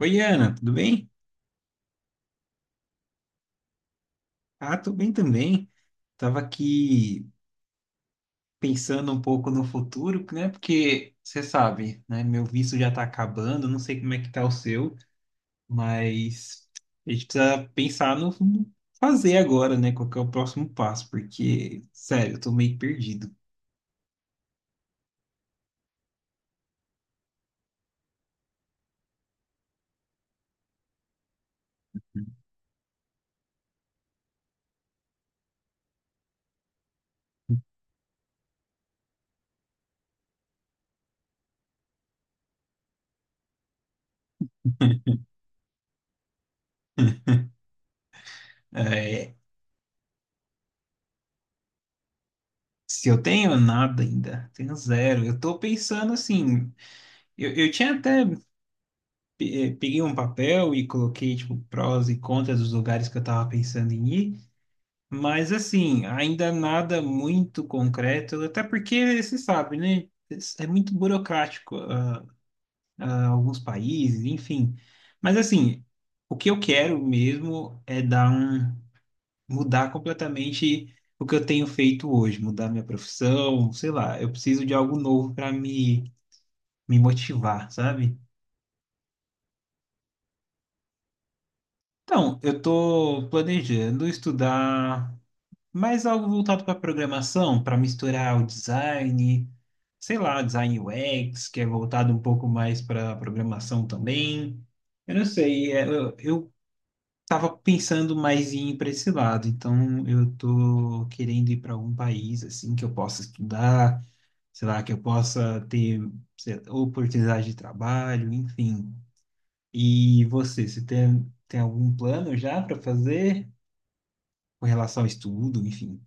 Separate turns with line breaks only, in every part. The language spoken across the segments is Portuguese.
Oi, Ana, tudo bem? Ah, tô bem também. Tava aqui pensando um pouco no futuro, né? Porque você sabe, né? Meu visto já tá acabando, não sei como é que tá o seu, mas a gente precisa pensar no fazer agora, né? Qual que é o próximo passo? Porque, sério, eu tô meio perdido. É, se eu tenho nada ainda, tenho zero. Eu tô pensando assim, eu tinha até peguei um papel e coloquei, tipo, prós e contras dos lugares que eu tava pensando em ir, mas, assim, ainda nada muito concreto, até porque, você sabe, né? É muito burocrático, alguns países, enfim. Mas, assim, o que eu quero mesmo é mudar completamente o que eu tenho feito hoje, mudar minha profissão, sei lá, eu preciso de algo novo para me motivar, sabe? Então, eu estou planejando estudar mais algo voltado para programação, para misturar o design, sei lá, design UX, que é voltado um pouco mais para programação também. Eu não sei, eu tava pensando mais em ir para esse lado, então eu tô querendo ir para algum país assim que eu possa estudar, sei lá, que eu possa ter sei lá, oportunidade de trabalho, enfim. E você tem algum plano já para fazer com relação ao estudo, enfim?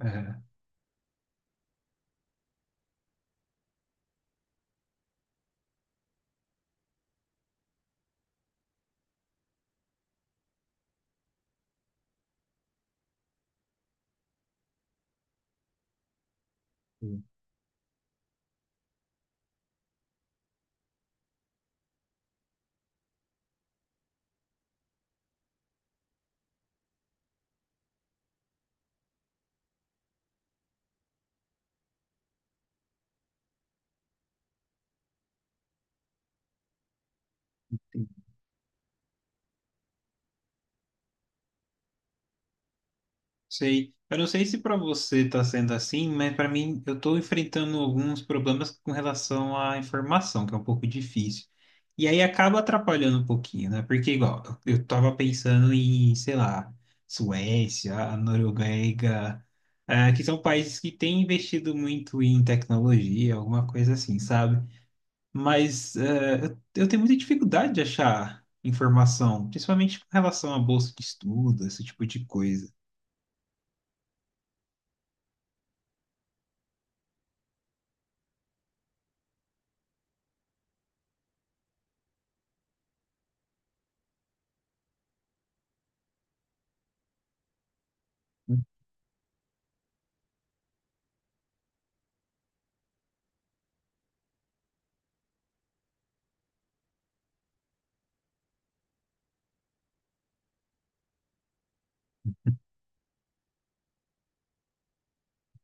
Aham. Sei. Eu não sei se para você está sendo assim, mas para mim eu estou enfrentando alguns problemas com relação à informação, que é um pouco difícil. E aí acaba atrapalhando um pouquinho, né? Porque igual, eu estava pensando em, sei lá, Suécia, a Noruega, que são países que têm investido muito em tecnologia, alguma coisa assim, sabe? Mas eu tenho muita dificuldade de achar informação, principalmente com relação à bolsa de estudo, esse tipo de coisa.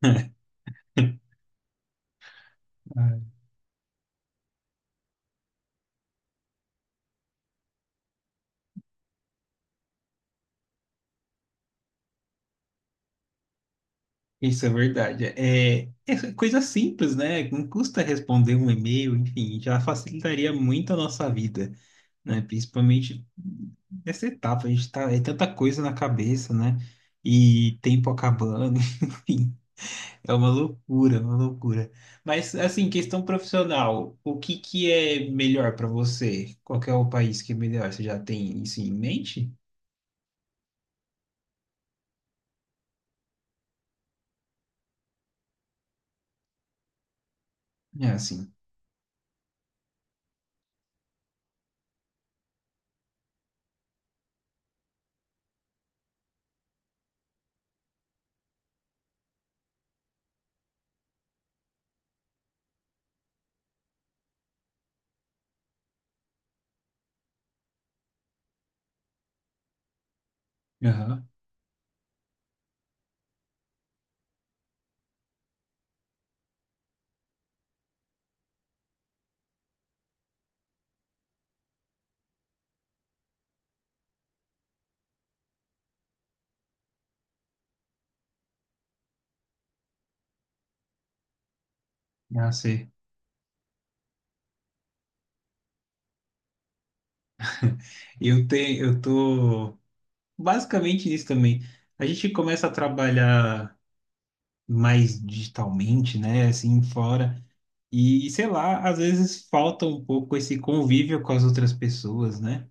Ah, isso é verdade. É coisa simples, né? Não custa responder um e-mail, enfim, já facilitaria muito a nossa vida, né? Principalmente nessa etapa, a gente tá, é tanta coisa na cabeça, né? E tempo acabando, enfim, é uma loucura, uma loucura. Mas, assim, questão profissional, o que que é melhor para você? Qual que é o país que é melhor? Você já tem isso em mente? É assim. Aham. Ah, sei. Eu tô basicamente isso também. A gente começa a trabalhar mais digitalmente, né? Assim, fora. E, sei lá, às vezes falta um pouco esse convívio com as outras pessoas, né?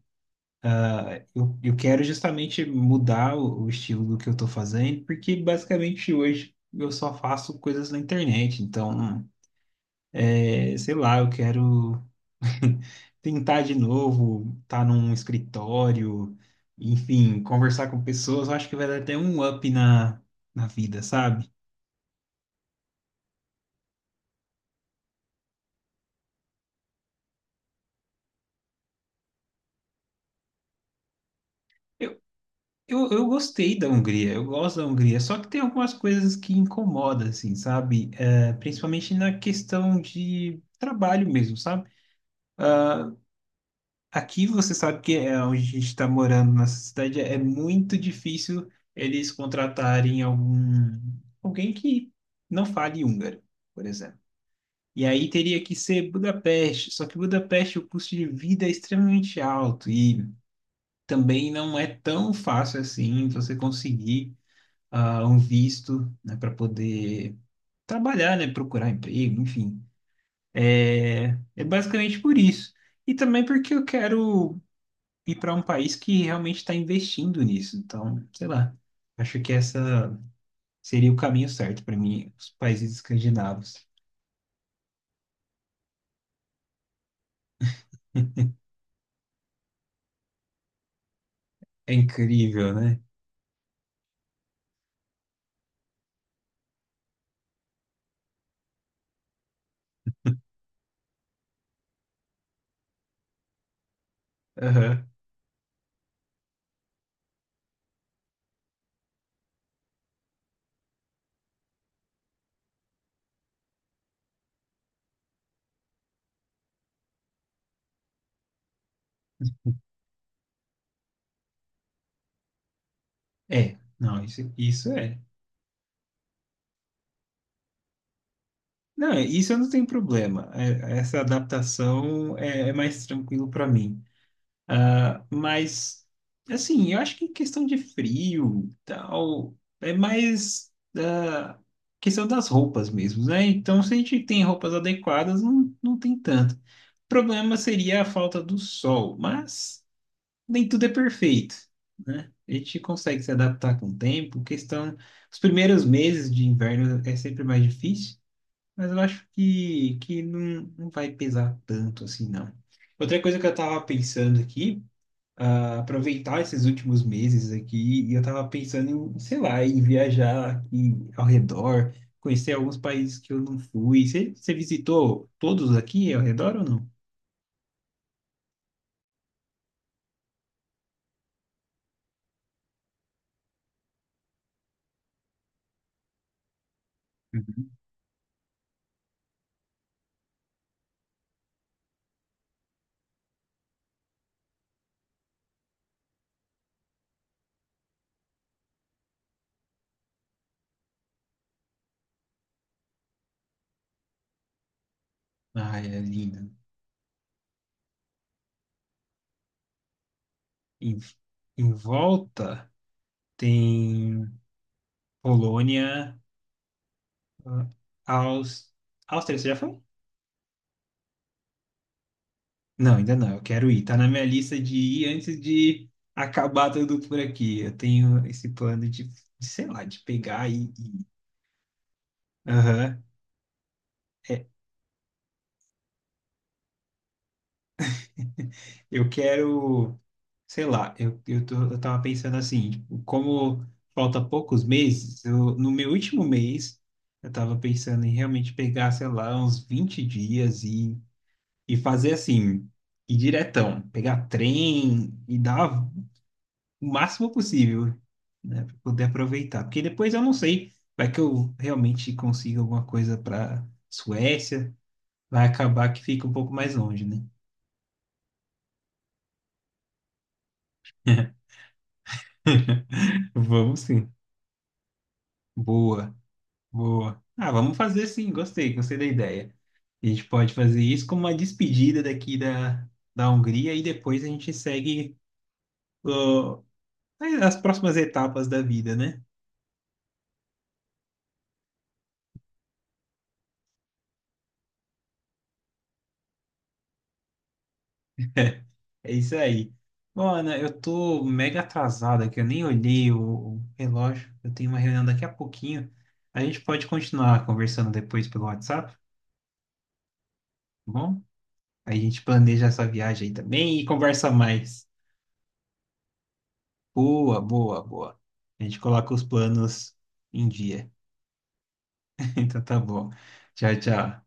Eu quero justamente mudar o estilo do que eu tô fazendo, porque basicamente hoje eu só faço coisas na internet. Então, sei lá, eu quero tentar de novo, estar num escritório, enfim, conversar com pessoas. Eu acho que vai dar até um up na vida, sabe? Eu, eu gostei da Hungria, eu gosto da Hungria, só que tem algumas coisas que incomodam, assim, sabe? É, principalmente na questão de trabalho mesmo, sabe? Aqui você sabe que é onde a gente está morando, nessa cidade, é muito difícil eles contratarem algum alguém que não fale húngaro, por exemplo. E aí teria que ser Budapeste, só que Budapeste o custo de vida é extremamente alto e também não é tão fácil assim você conseguir um visto, né, para poder trabalhar, né, procurar emprego, enfim. É basicamente por isso. E também porque eu quero e para um país que realmente está investindo nisso. Então, sei lá, acho que essa seria o caminho certo para mim, os países escandinavos. É incrível, né? Aham. É, não, isso é. Não, isso eu não tenho problema. Essa adaptação é mais tranquilo para mim. Ah, mas, assim, eu acho que questão de frio, tal, é mais questão das roupas mesmo, né? Então, se a gente tem roupas adequadas, não tem tanto. Problema seria a falta do sol, mas nem tudo é perfeito, né? A gente consegue se adaptar com o tempo. Questão, os primeiros meses de inverno é sempre mais difícil, mas eu acho que não vai pesar tanto assim, não. Outra coisa que eu estava pensando aqui, aproveitar esses últimos meses aqui, e eu estava pensando em, sei lá, em viajar aqui ao redor, conhecer alguns países que eu não fui. Você visitou todos aqui ao redor ou não? Ai, é lindo. Em, em volta tem Polônia, ah, Aus- Áustria, você já foi? Não, ainda não. Eu quero ir. Tá na minha lista de ir antes de acabar tudo por aqui. Eu tenho esse plano de, sei lá, de pegar e Aham. É, eu quero, sei lá, eu tava pensando assim, tipo, como falta poucos meses, eu, no meu último mês, eu tava pensando em realmente pegar, sei lá, uns 20 dias e fazer assim, ir diretão, pegar trem e dar o máximo possível, né, para poder aproveitar. Porque depois eu não sei, vai que eu realmente consiga alguma coisa para Suécia, vai acabar que fica um pouco mais longe, né? Vamos sim. Boa, boa. Ah, vamos fazer sim, gostei, gostei da ideia. A gente pode fazer isso como uma despedida daqui da Hungria e depois a gente segue ó, as próximas etapas da vida, né? É isso aí. Bom, Ana, eu tô mega atrasado aqui, eu nem olhei o relógio. Eu tenho uma reunião daqui a pouquinho. A gente pode continuar conversando depois pelo WhatsApp, tá bom? Aí a gente planeja essa viagem aí também e conversa mais. Boa, boa, boa. A gente coloca os planos em dia. Então tá bom. Tchau, tchau.